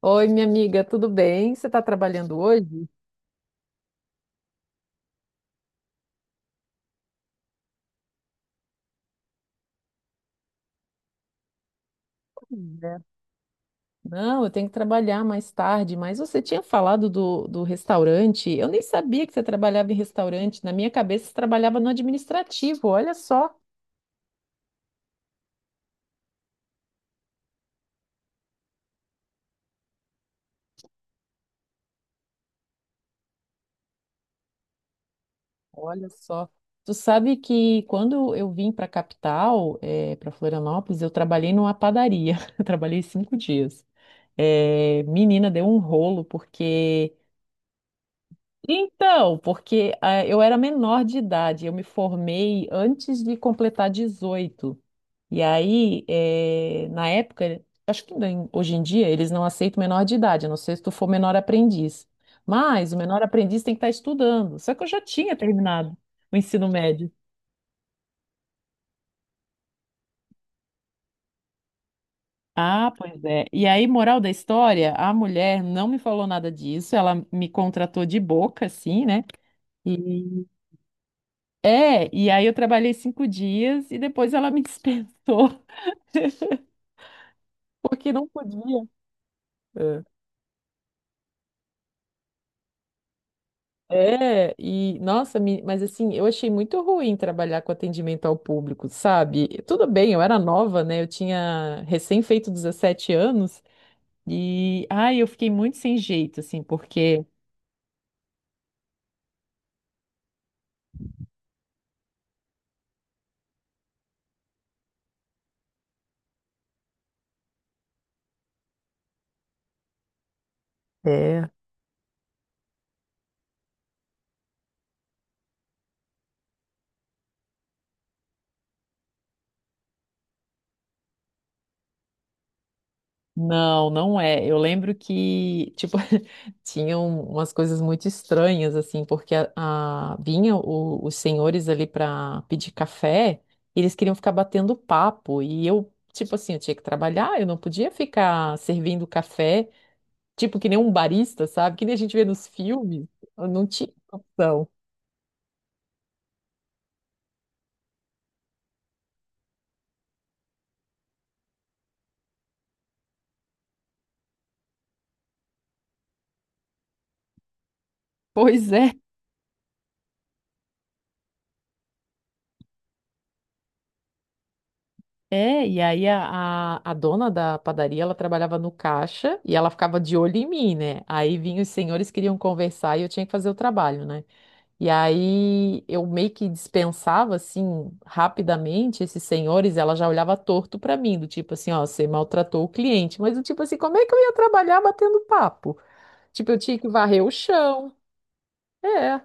Oi, minha amiga, tudo bem? Você está trabalhando hoje? Sim, né? Não, eu tenho que trabalhar mais tarde, mas você tinha falado do restaurante. Eu nem sabia que você trabalhava em restaurante. Na minha cabeça, você trabalhava no administrativo. Olha só, olha só. Tu sabe que quando eu vim para a capital, para Florianópolis, eu trabalhei numa padaria. Eu trabalhei 5 dias. Menina, deu um rolo, porque. Então, porque eu era menor de idade, eu me formei antes de completar 18. E aí, na época, acho que hoje em dia eles não aceitam menor de idade, a não ser se tu for menor aprendiz. Mas o menor aprendiz tem que estar estudando. Só que eu já tinha terminado o ensino médio. Ah, pois é. E aí, moral da história, a mulher não me falou nada disso, ela me contratou de boca, assim, né? É, e aí eu trabalhei 5 dias e depois ela me dispensou, porque não podia. É, é, e nossa, mas assim, eu achei muito ruim trabalhar com atendimento ao público, sabe? Tudo bem, eu era nova, né? Eu tinha recém feito 17 anos e ai, eu fiquei muito sem jeito, assim, porque. É. Não, não é. Eu lembro que, tipo, tinham umas coisas muito estranhas, assim, porque vinha os senhores ali para pedir café, e eles queriam ficar batendo papo, e eu, tipo assim, eu tinha que trabalhar, eu não podia ficar servindo café, tipo, que nem um barista, sabe? Que nem a gente vê nos filmes, eu não tinha opção. Pois é. É, e aí a dona da padaria, ela trabalhava no caixa e ela ficava de olho em mim, né? Aí vinham os senhores queriam conversar e eu tinha que fazer o trabalho, né? E aí eu meio que dispensava, assim, rapidamente esses senhores, ela já olhava torto pra mim, do tipo assim, ó, você maltratou o cliente. Mas do tipo assim, como é que eu ia trabalhar batendo papo? Tipo, eu tinha que varrer o chão. É.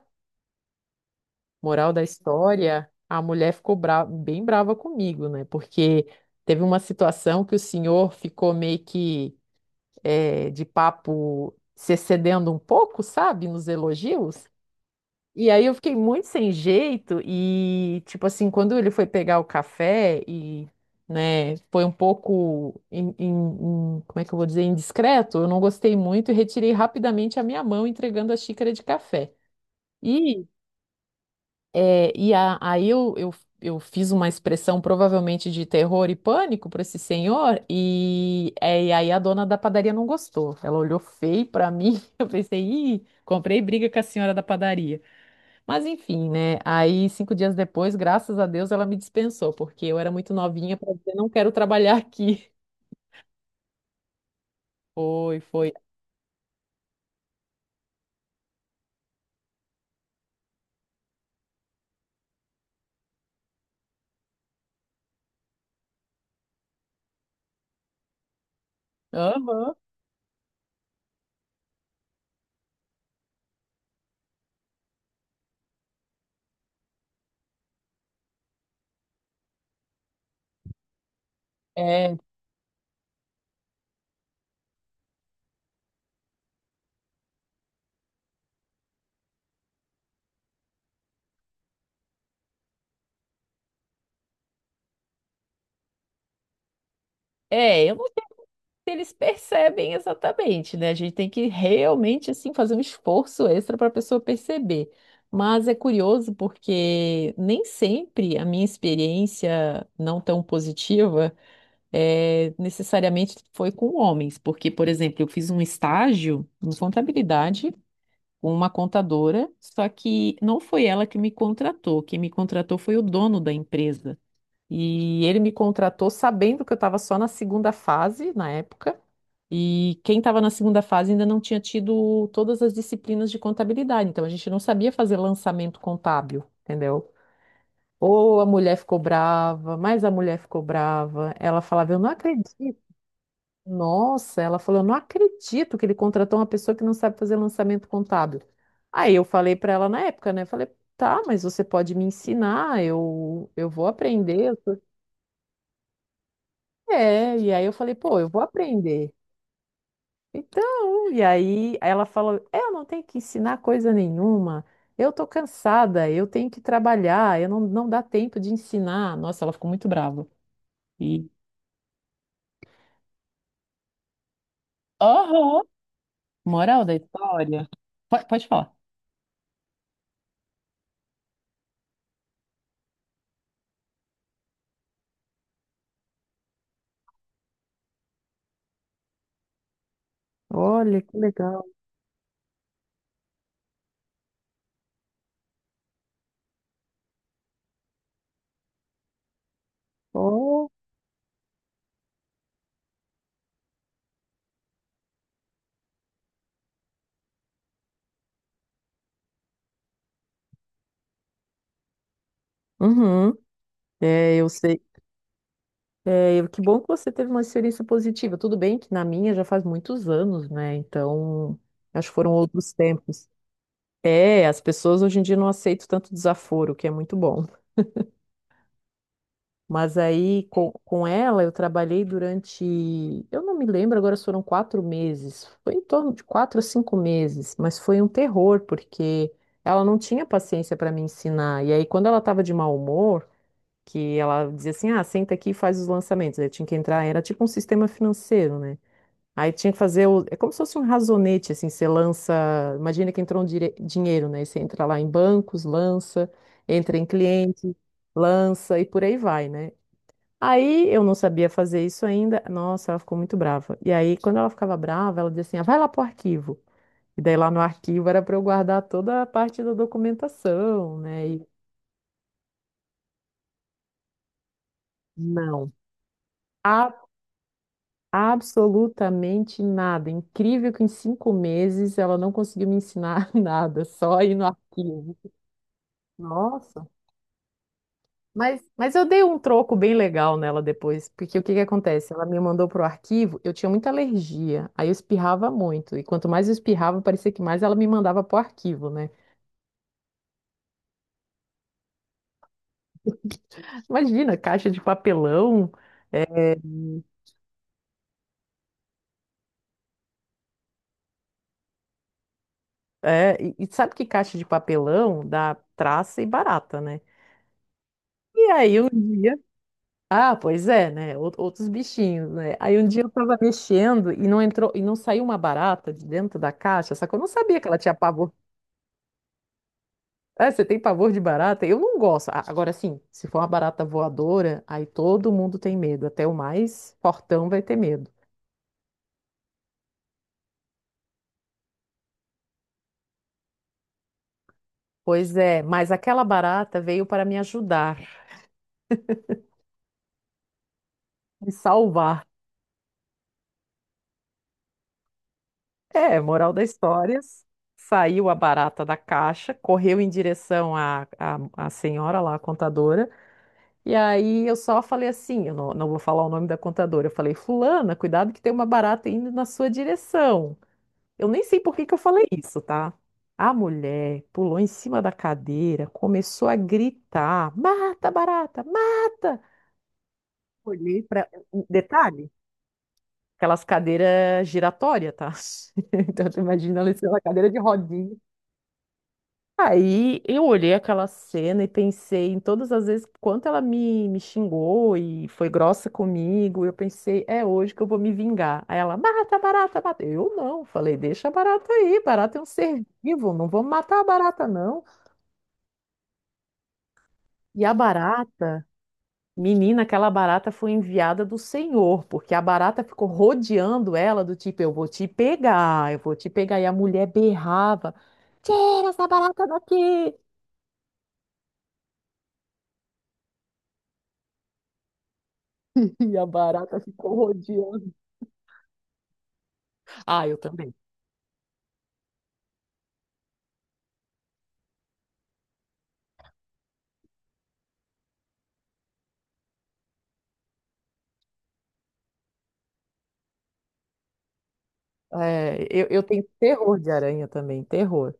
Moral da história, a mulher ficou bem brava comigo, né? Porque teve uma situação que o senhor ficou meio que de papo se excedendo um pouco, sabe, nos elogios. E aí eu fiquei muito sem jeito e, tipo assim, quando ele foi pegar o café e, né, foi um pouco, como é que eu vou dizer, indiscreto, eu não gostei muito e retirei rapidamente a minha mão entregando a xícara de café. É, e aí eu fiz uma expressão provavelmente de terror e pânico para esse senhor, e e aí a dona da padaria não gostou. Ela olhou feio para mim. Eu pensei, ih, comprei briga com a senhora da padaria. Mas enfim, né? Aí 5 dias depois, graças a Deus, ela me dispensou, porque eu era muito novinha para dizer, não quero trabalhar aqui. Foi, foi. Aham. É, é, eu não eles percebem exatamente, né? A gente tem que realmente assim fazer um esforço extra para a pessoa perceber. Mas é curioso porque nem sempre a minha experiência não tão positiva necessariamente foi com homens, porque, por exemplo, eu fiz um estágio em contabilidade com uma contadora, só que não foi ela que me contratou, quem me contratou foi o dono da empresa. E ele me contratou sabendo que eu estava só na segunda fase na época. E quem estava na segunda fase ainda não tinha tido todas as disciplinas de contabilidade, então a gente não sabia fazer lançamento contábil, entendeu? Ou a mulher ficou brava, mas a mulher ficou brava. Ela falava, eu não acredito. Nossa, ela falou, eu não acredito que ele contratou uma pessoa que não sabe fazer lançamento contábil. Aí eu falei para ela na época, né? Falei, tá, mas você pode me ensinar, eu vou aprender. É, e aí eu falei, pô, eu vou aprender. Então, e aí ela falou: eu não tenho que ensinar coisa nenhuma, eu tô cansada, eu tenho que trabalhar, eu não, não dá tempo de ensinar. Nossa, ela ficou muito brava. E, aham, moral da história. Pode, pode falar. Olha, que legal. Oh. Uhum. É, eu sei. É, eu- que bom que você teve uma experiência positiva. Tudo bem que na minha já faz muitos anos, né? Então, acho que foram outros tempos. É, as pessoas hoje em dia não aceitam tanto desaforo, o que é muito bom. Mas aí com ela eu trabalhei durante, eu não me lembro agora se foram 4 meses, foi em torno de 4 a 5 meses, mas foi um terror, porque ela não tinha paciência para me ensinar. E aí quando ela estava de mau humor, que ela dizia assim, ah, senta aqui e faz os lançamentos, aí eu tinha que entrar, era tipo um sistema financeiro, né? Aí tinha que fazer, o, é como se fosse um razonete, assim, você lança, imagina que entrou um dinheiro, né? Você entra lá em bancos, lança, entra em cliente, lança e por aí vai, né? Aí eu não sabia fazer isso ainda. Nossa, ela ficou muito brava. E aí, quando ela ficava brava, ela dizia assim: ah, vai lá pro arquivo. E daí lá no arquivo era para eu guardar toda a parte da documentação, né? E não, a- absolutamente nada. Incrível que em 5 meses ela não conseguiu me ensinar nada, só ir no arquivo. Nossa. Mas eu dei um troco bem legal nela depois, porque o que que acontece? Ela me mandou pro arquivo, eu tinha muita alergia, aí eu espirrava muito, e quanto mais eu espirrava, parecia que mais ela me mandava pro arquivo, né? Imagina, caixa de papelão, e sabe que caixa de papelão dá traça e barata, né? E aí um dia, ah, pois é, né? Outros bichinhos, né? Aí um dia eu tava mexendo e não entrou, e não saiu uma barata de dentro da caixa, só que eu não sabia que ela tinha pavor. Ah, você tem pavor de barata? Eu não gosto. Agora, sim, se for uma barata voadora, aí todo mundo tem medo. Até o mais fortão vai ter medo. Pois é, mas aquela barata veio para me ajudar, me salvar. É, moral da história. Saiu a barata da caixa, correu em direção à senhora lá, a contadora. E aí eu só falei assim: eu não, não vou falar o nome da contadora. Eu falei, Fulana, cuidado que tem uma barata indo na sua direção. Eu nem sei por que que eu falei isso, tá? A mulher pulou em cima da cadeira, começou a gritar: mata, barata, mata! Olhei para. Detalhe, aquelas cadeiras giratórias, tá? Então, tu imagina ela em cima da cadeira de rodinha. Aí eu olhei aquela cena e pensei em todas as vezes quanto ela me xingou e foi grossa comigo. Eu pensei, é hoje que eu vou me vingar. Aí ela, barata, barata, barata. Eu não, falei, deixa a barata aí, barata é um ser vivo, não vou matar a barata, não. E a barata, menina, aquela barata foi enviada do Senhor, porque a barata ficou rodeando ela, do tipo, eu vou te pegar, eu vou te pegar. E a mulher berrava, tira essa barata daqui! E a barata ficou rodeando. Ah, eu também. É, eu tenho terror de aranha também, terror.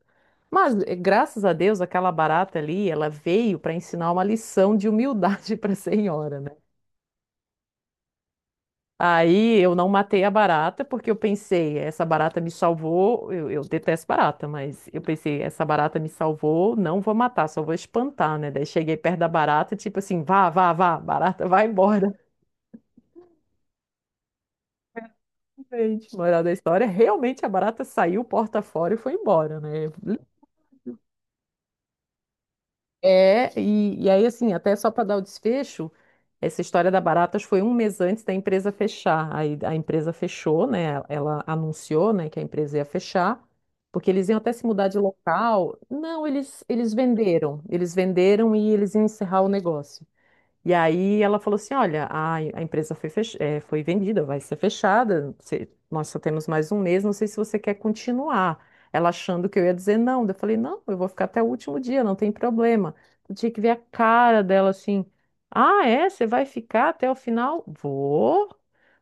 Mas graças a Deus, aquela barata ali, ela veio para ensinar uma lição de humildade para a senhora, né? Aí eu não matei a barata porque eu pensei, essa barata me salvou. Eu detesto barata, mas eu pensei, essa barata me salvou, não vou matar, só vou espantar, né? Daí cheguei perto da barata, tipo assim, vá, vá, vá, barata, vai embora. Gente, moral da história, realmente a barata saiu porta fora e foi embora, né? É, e aí, assim, até só para dar o desfecho, essa história da Baratas foi um mês antes da empresa fechar. Aí a empresa fechou, né? Ela anunciou, né, que a empresa ia fechar, porque eles iam até se mudar de local. Não, eles venderam. Eles venderam e eles iam encerrar o negócio. E aí ela falou assim, olha, a empresa foi, foi vendida, vai ser fechada, você- nós só temos mais um mês, não sei se você quer continuar. Ela achando que eu ia dizer não, daí eu falei, não, eu vou ficar até o último dia, não tem problema. Eu tinha que ver a cara dela assim, ah, é? Você vai ficar até o final? Vou.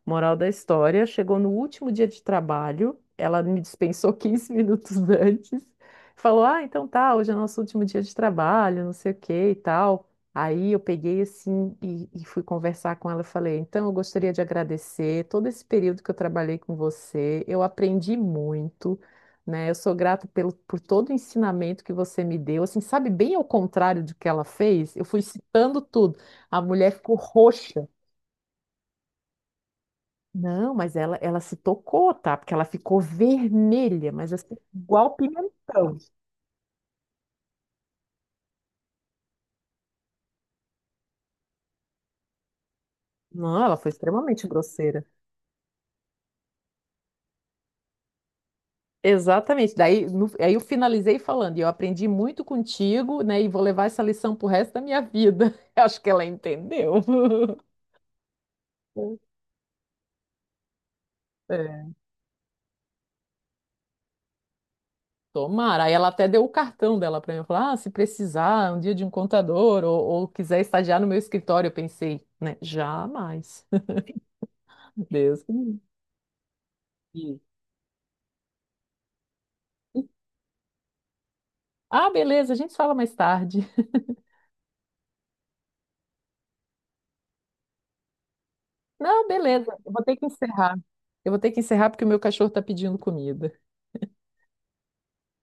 Moral da história, chegou no último dia de trabalho, ela me dispensou 15 minutos antes, falou, ah, então tá, hoje é nosso último dia de trabalho, não sei o que e tal. Aí eu peguei assim e fui conversar com ela. Eu falei, então eu gostaria de agradecer todo esse período que eu trabalhei com você. Eu aprendi muito, né? Eu sou grato pelo, por todo o ensinamento que você me deu. Assim, sabe, bem ao contrário do que ela fez, eu fui citando tudo. A mulher ficou roxa. Não, mas ela se tocou, tá? Porque ela ficou vermelha, mas assim, igual pimentão. Não, ela foi extremamente grosseira. Exatamente. Daí, aí eu finalizei falando, e eu aprendi muito contigo, né? E vou levar essa lição pro resto da minha vida. Eu acho que ela entendeu. É. Tomara. Aí ela até deu o cartão dela para mim. Falou: ah, se precisar um dia de um contador ou quiser estagiar no meu escritório, eu pensei, né? Jamais. Deus que me livre. Ah, beleza, a gente fala mais tarde. Não, beleza, eu vou ter que encerrar. Eu vou ter que encerrar porque o meu cachorro tá pedindo comida.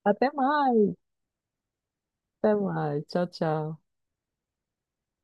Até mais, até mais. Tchau, tchau.